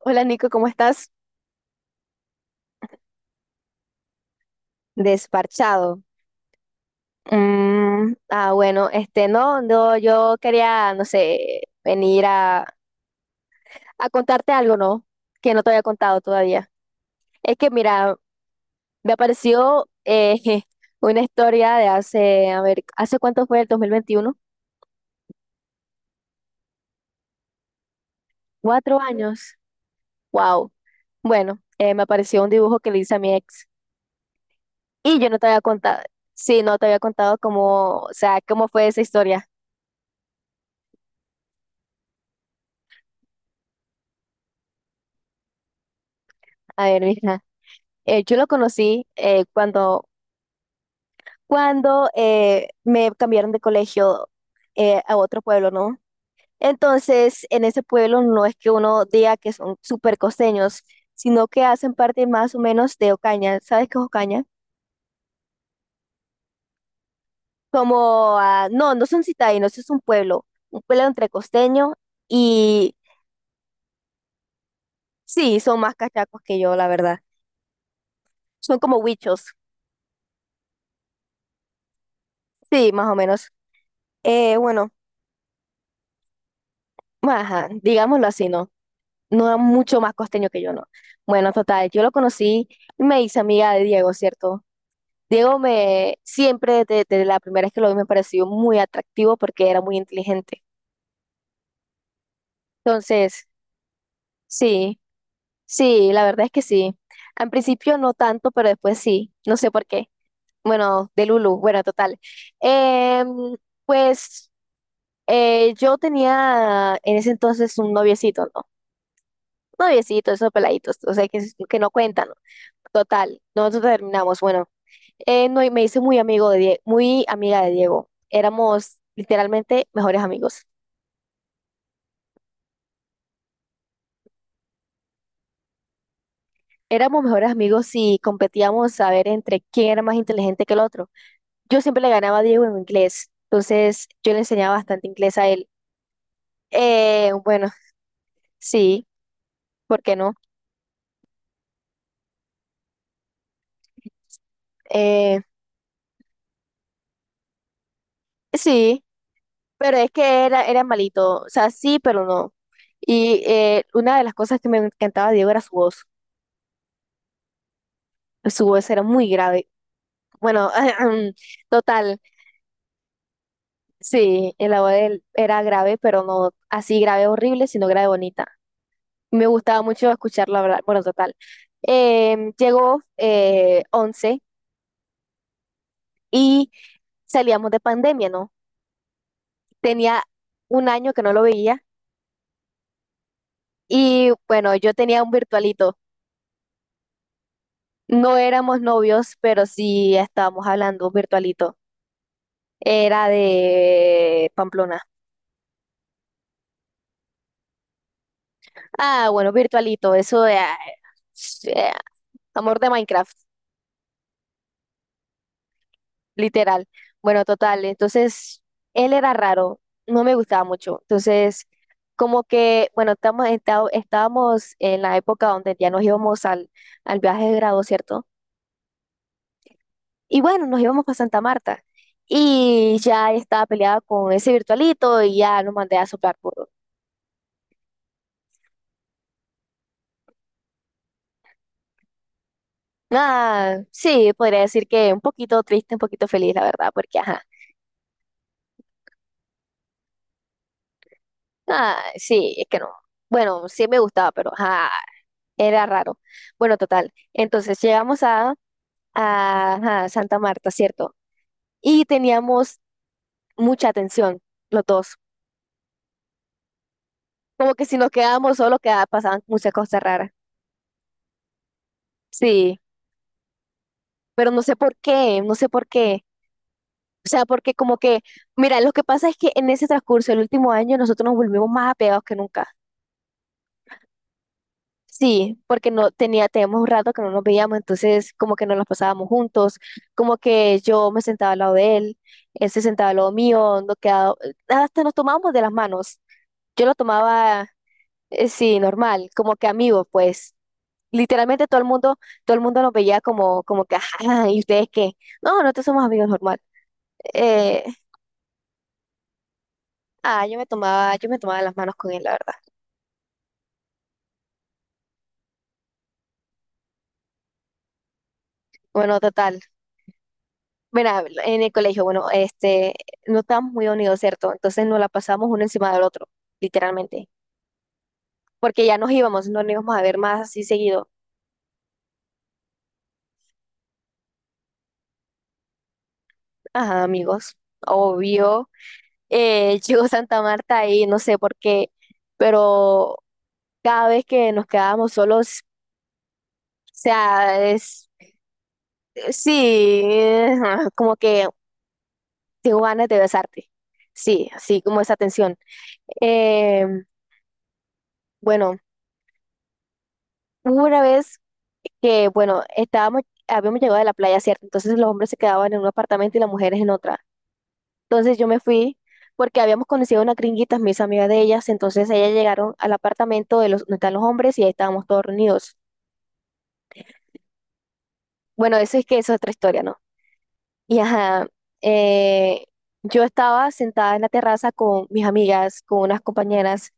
Hola Nico, ¿cómo estás? Desparchado. Bueno, este, no, no, yo quería, no sé, venir a contarte algo, ¿no? Que no te había contado todavía. Es que, mira, me apareció una historia de hace, a ver, ¿hace cuánto fue el 2021, 4 años. Wow. Bueno, me apareció un dibujo que le hice a mi ex y yo no te había contado, sí, no te había contado cómo, o sea, cómo fue esa historia. A ver, mira. Yo lo conocí cuando me cambiaron de colegio a otro pueblo, ¿no? Entonces, en ese pueblo no es que uno diga que son súper costeños, sino que hacen parte más o menos de Ocaña. ¿Sabes qué es Ocaña? Como, no, no son citadinos, es un pueblo entre costeño y sí, son más cachacos que yo, la verdad. Son como huichos, sí, más o menos. Bueno, ajá, digámoslo así, ¿no? No era mucho más costeño que yo, no. Bueno, total, yo lo conocí y me hice amiga de Diego, ¿cierto? Diego me siempre, desde la primera vez que lo vi, me pareció muy atractivo porque era muy inteligente. Entonces, sí, sí, la verdad es que sí. Al principio no tanto, pero después sí, no sé por qué. Bueno, de Lulu, bueno, total. Em, pues yo tenía en ese entonces un noviecito, ¿no? Noviecito, esos peladitos, o sea, que no cuentan. ¿No? Total, nosotros terminamos. Bueno, no, y me hice muy amiga de Diego. Éramos literalmente mejores amigos. Éramos mejores amigos y competíamos a ver entre quién era más inteligente que el otro. Yo siempre le ganaba a Diego en inglés, entonces yo le enseñaba bastante inglés a él. Bueno, sí, ¿por qué no? Eh, sí, pero es que era malito. O sea, sí, pero no. Y una de las cosas que me encantaba de Diego era su voz. Su voz era muy grave. Bueno, total. Sí, el la de él era grave, pero no así grave horrible, sino grave bonita. Me gustaba mucho escucharlo hablar. Bueno, total. Llegó 11 y salíamos de pandemia, ¿no? Tenía un año que no lo veía y bueno, yo tenía un virtualito. No éramos novios, pero sí estábamos hablando un virtualito. Era de Pamplona. Ah, bueno, virtualito, eso de eh, amor de Minecraft. Literal. Bueno, total. Entonces, él era raro, no me gustaba mucho. Entonces, como que, bueno, estábamos en la época donde ya nos íbamos al viaje de grado, ¿cierto? Y bueno, nos íbamos para Santa Marta. Y ya estaba peleada con ese virtualito y ya nos mandé a soplar puro. Ah, sí, podría decir que un poquito triste, un poquito feliz, la verdad, porque, ajá. Ah, sí, es que no. Bueno, sí me gustaba, pero ajá, era raro. Bueno, total. Entonces llegamos a, ajá, Santa Marta, cierto. Y teníamos mucha atención, los dos. Como que si nos quedábamos solos, quedaba, pasaban muchas cosas raras. Sí, pero no sé por qué, no sé por qué. O sea, porque como que, mira, lo que pasa es que en ese transcurso del último año nosotros nos volvimos más apegados que nunca. Sí, porque no tenía, teníamos un rato que no nos veíamos, entonces como que nos las pasábamos juntos, como que yo me sentaba al lado de él, él se sentaba al lado mío, nos quedaba, hasta nos tomábamos de las manos. Yo lo tomaba. Sí, normal, como que amigos, pues. Literalmente todo el mundo nos veía como, como que, ajá, ¿y ustedes qué? No, nosotros somos amigos normal. Eh, yo me tomaba las manos con él, la verdad. Bueno, total. Mira, en el colegio, bueno, este, no estábamos muy unidos, ¿cierto? Entonces nos la pasamos uno encima del otro, literalmente. Porque ya nos íbamos, no nos íbamos a ver más así seguido. Ajá, amigos. Obvio. Llegó Santa Marta y no sé por qué, pero cada vez que nos quedábamos solos, o sea, es, sí, como que tengo ganas de besarte. Sí, así como esa tensión. Eh, bueno, hubo una vez que, bueno, habíamos llegado de la playa, ¿cierto? Entonces los hombres se quedaban en un apartamento y las mujeres en otra. Entonces yo me fui porque habíamos conocido a unas gringuitas, mis amigas de ellas, entonces ellas llegaron al apartamento de los, donde están los hombres y ahí estábamos todos reunidos. Bueno, eso es que eso es otra historia, ¿no? Y ajá, eh, yo estaba sentada en la terraza con mis amigas, con unas compañeras,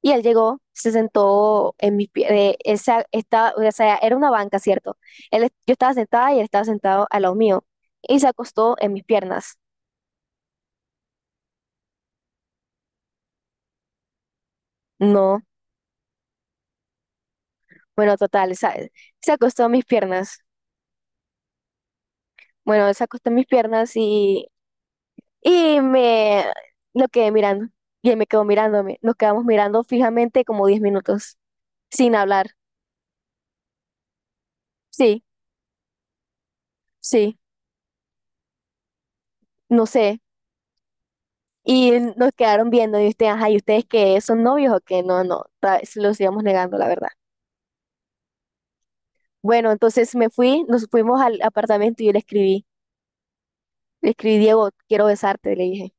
y él llegó, se sentó en mis piernas, o sea, era una banca, ¿cierto? Él, yo estaba sentada y él estaba sentado al lado mío, y se acostó en mis piernas. No, bueno, total, ¿sabes? Se acostó en mis piernas. Bueno, él se acostó en mis piernas y me lo quedé mirando, y él me quedó mirándome. Nos quedamos mirando fijamente como 10 minutos, sin hablar. Sí. Sí, no sé. Y nos quedaron viendo y ustedes, ajá, ¿y ustedes qué son novios o qué? No, no, se los íbamos negando, la verdad. Bueno, entonces me fui, nos fuimos al apartamento y yo le escribí. Le escribí, Diego, quiero besarte, le dije.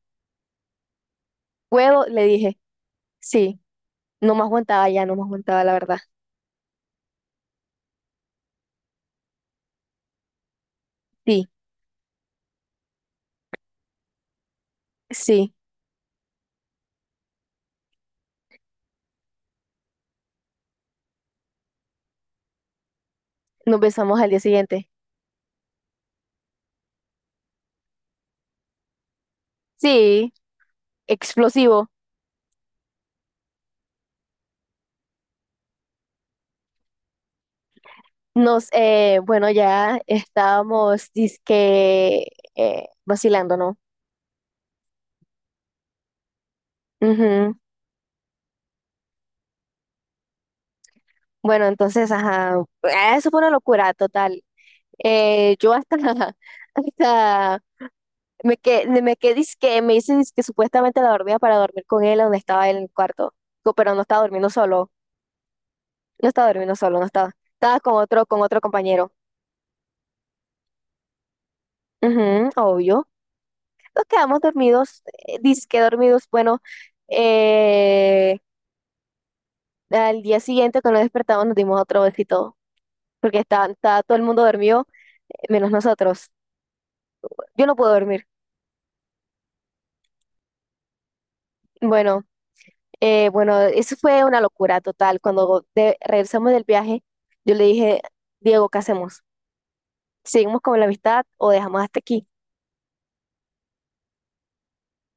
¿Puedo? Le dije. Sí, no me aguantaba ya, no me aguantaba, la verdad. Sí, sí, nos besamos al día siguiente. Sí, explosivo. Bueno, ya estábamos, dizque, vacilando, ¿no? Ujú. Bueno, entonces, ajá, eso fue una locura total. Yo hasta, hasta me quedé, que me dicen que supuestamente la dormía para dormir con él donde estaba él en el cuarto, pero no estaba durmiendo solo, no estaba, estaba con otro, compañero. Ujú, obvio. Nos quedamos dormidos, dizque dormidos, bueno, eh, al día siguiente cuando nos despertamos nos dimos otro besito, porque estaba todo el mundo dormido, menos nosotros. Yo no puedo dormir. Bueno. Bueno, eso fue una locura total. Cuando regresamos del viaje, yo le dije, Diego, ¿qué hacemos? ¿Seguimos con la amistad o dejamos hasta aquí?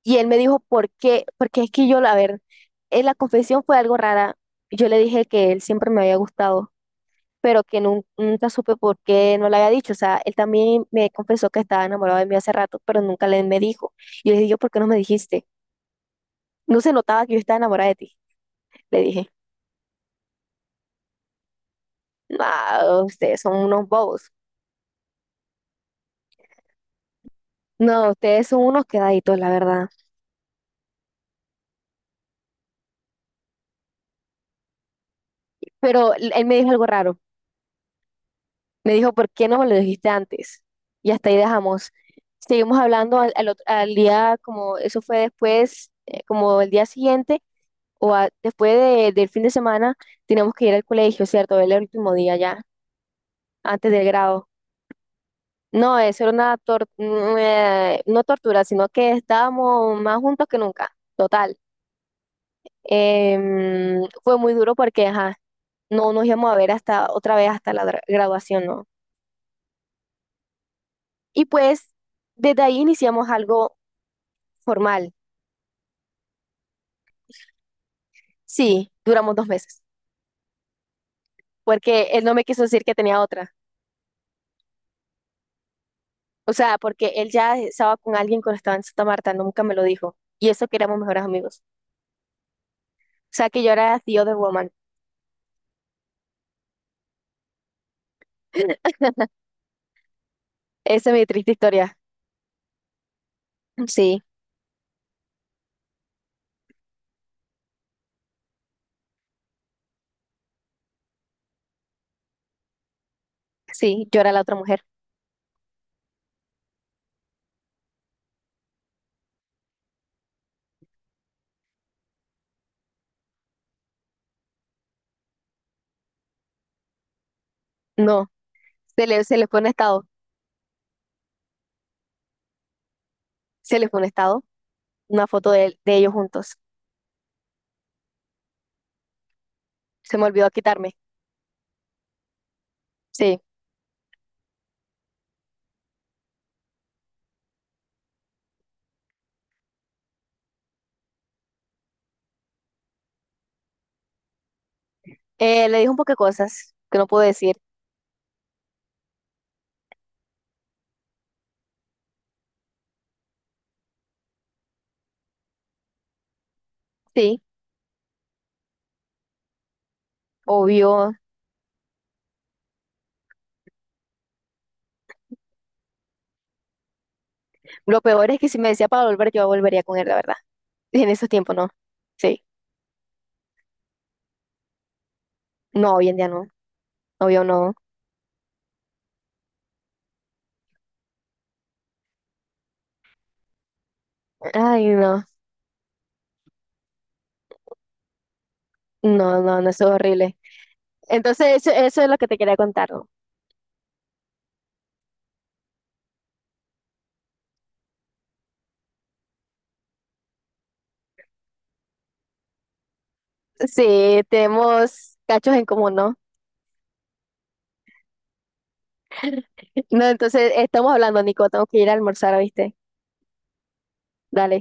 Y él me dijo, ¿por qué? Porque es que yo, a ver, en la confesión fue algo rara. Yo le dije que él siempre me había gustado, pero que nunca supe por qué no le había dicho. O sea, él también me confesó que estaba enamorado de mí hace rato, pero nunca le me dijo. Y le dije, yo ¿por qué no me dijiste? No se notaba que yo estaba enamorada de ti, le dije. No, ustedes son unos bobos. No, ustedes son unos quedaditos, la verdad. Pero él me dijo algo raro. Me dijo, ¿por qué no me lo dijiste antes? Y hasta ahí dejamos. Seguimos hablando al día, como eso fue después, como el día siguiente o después del fin de semana, teníamos que ir al colegio, ¿cierto? Era el último día ya, antes del grado. No, eso era una no tortura, sino que estábamos más juntos que nunca. Total. Fue muy duro porque, ajá, no nos íbamos a ver hasta otra vez hasta la graduación, ¿no? Y pues desde ahí iniciamos algo formal. Sí, duramos 2 meses, porque él no me quiso decir que tenía otra. O sea, porque él ya estaba con alguien cuando estaba en Santa Marta, nunca me lo dijo. Y eso que éramos mejores amigos. O sea, que yo era tío de woman. Esa es mi triste historia. Sí, sí, yo era la otra mujer. No, se le fue un estado, se le fue un estado, una foto de ellos juntos. Se me olvidó quitarme. Sí. Le dije un poco de cosas que no pude decir. Sí, obvio. Lo peor es que si me decía para volver, yo volvería con él, la verdad. Y en esos tiempos no. Sí. No, hoy en día no. Obvio no. Ay, no. No, no, no, eso es horrible. Entonces, eso es lo que te quería contar, ¿no? Sí, tenemos cachos en común, ¿no? No, entonces, estamos hablando, Nico. Tengo que ir a almorzar, ¿viste? Dale.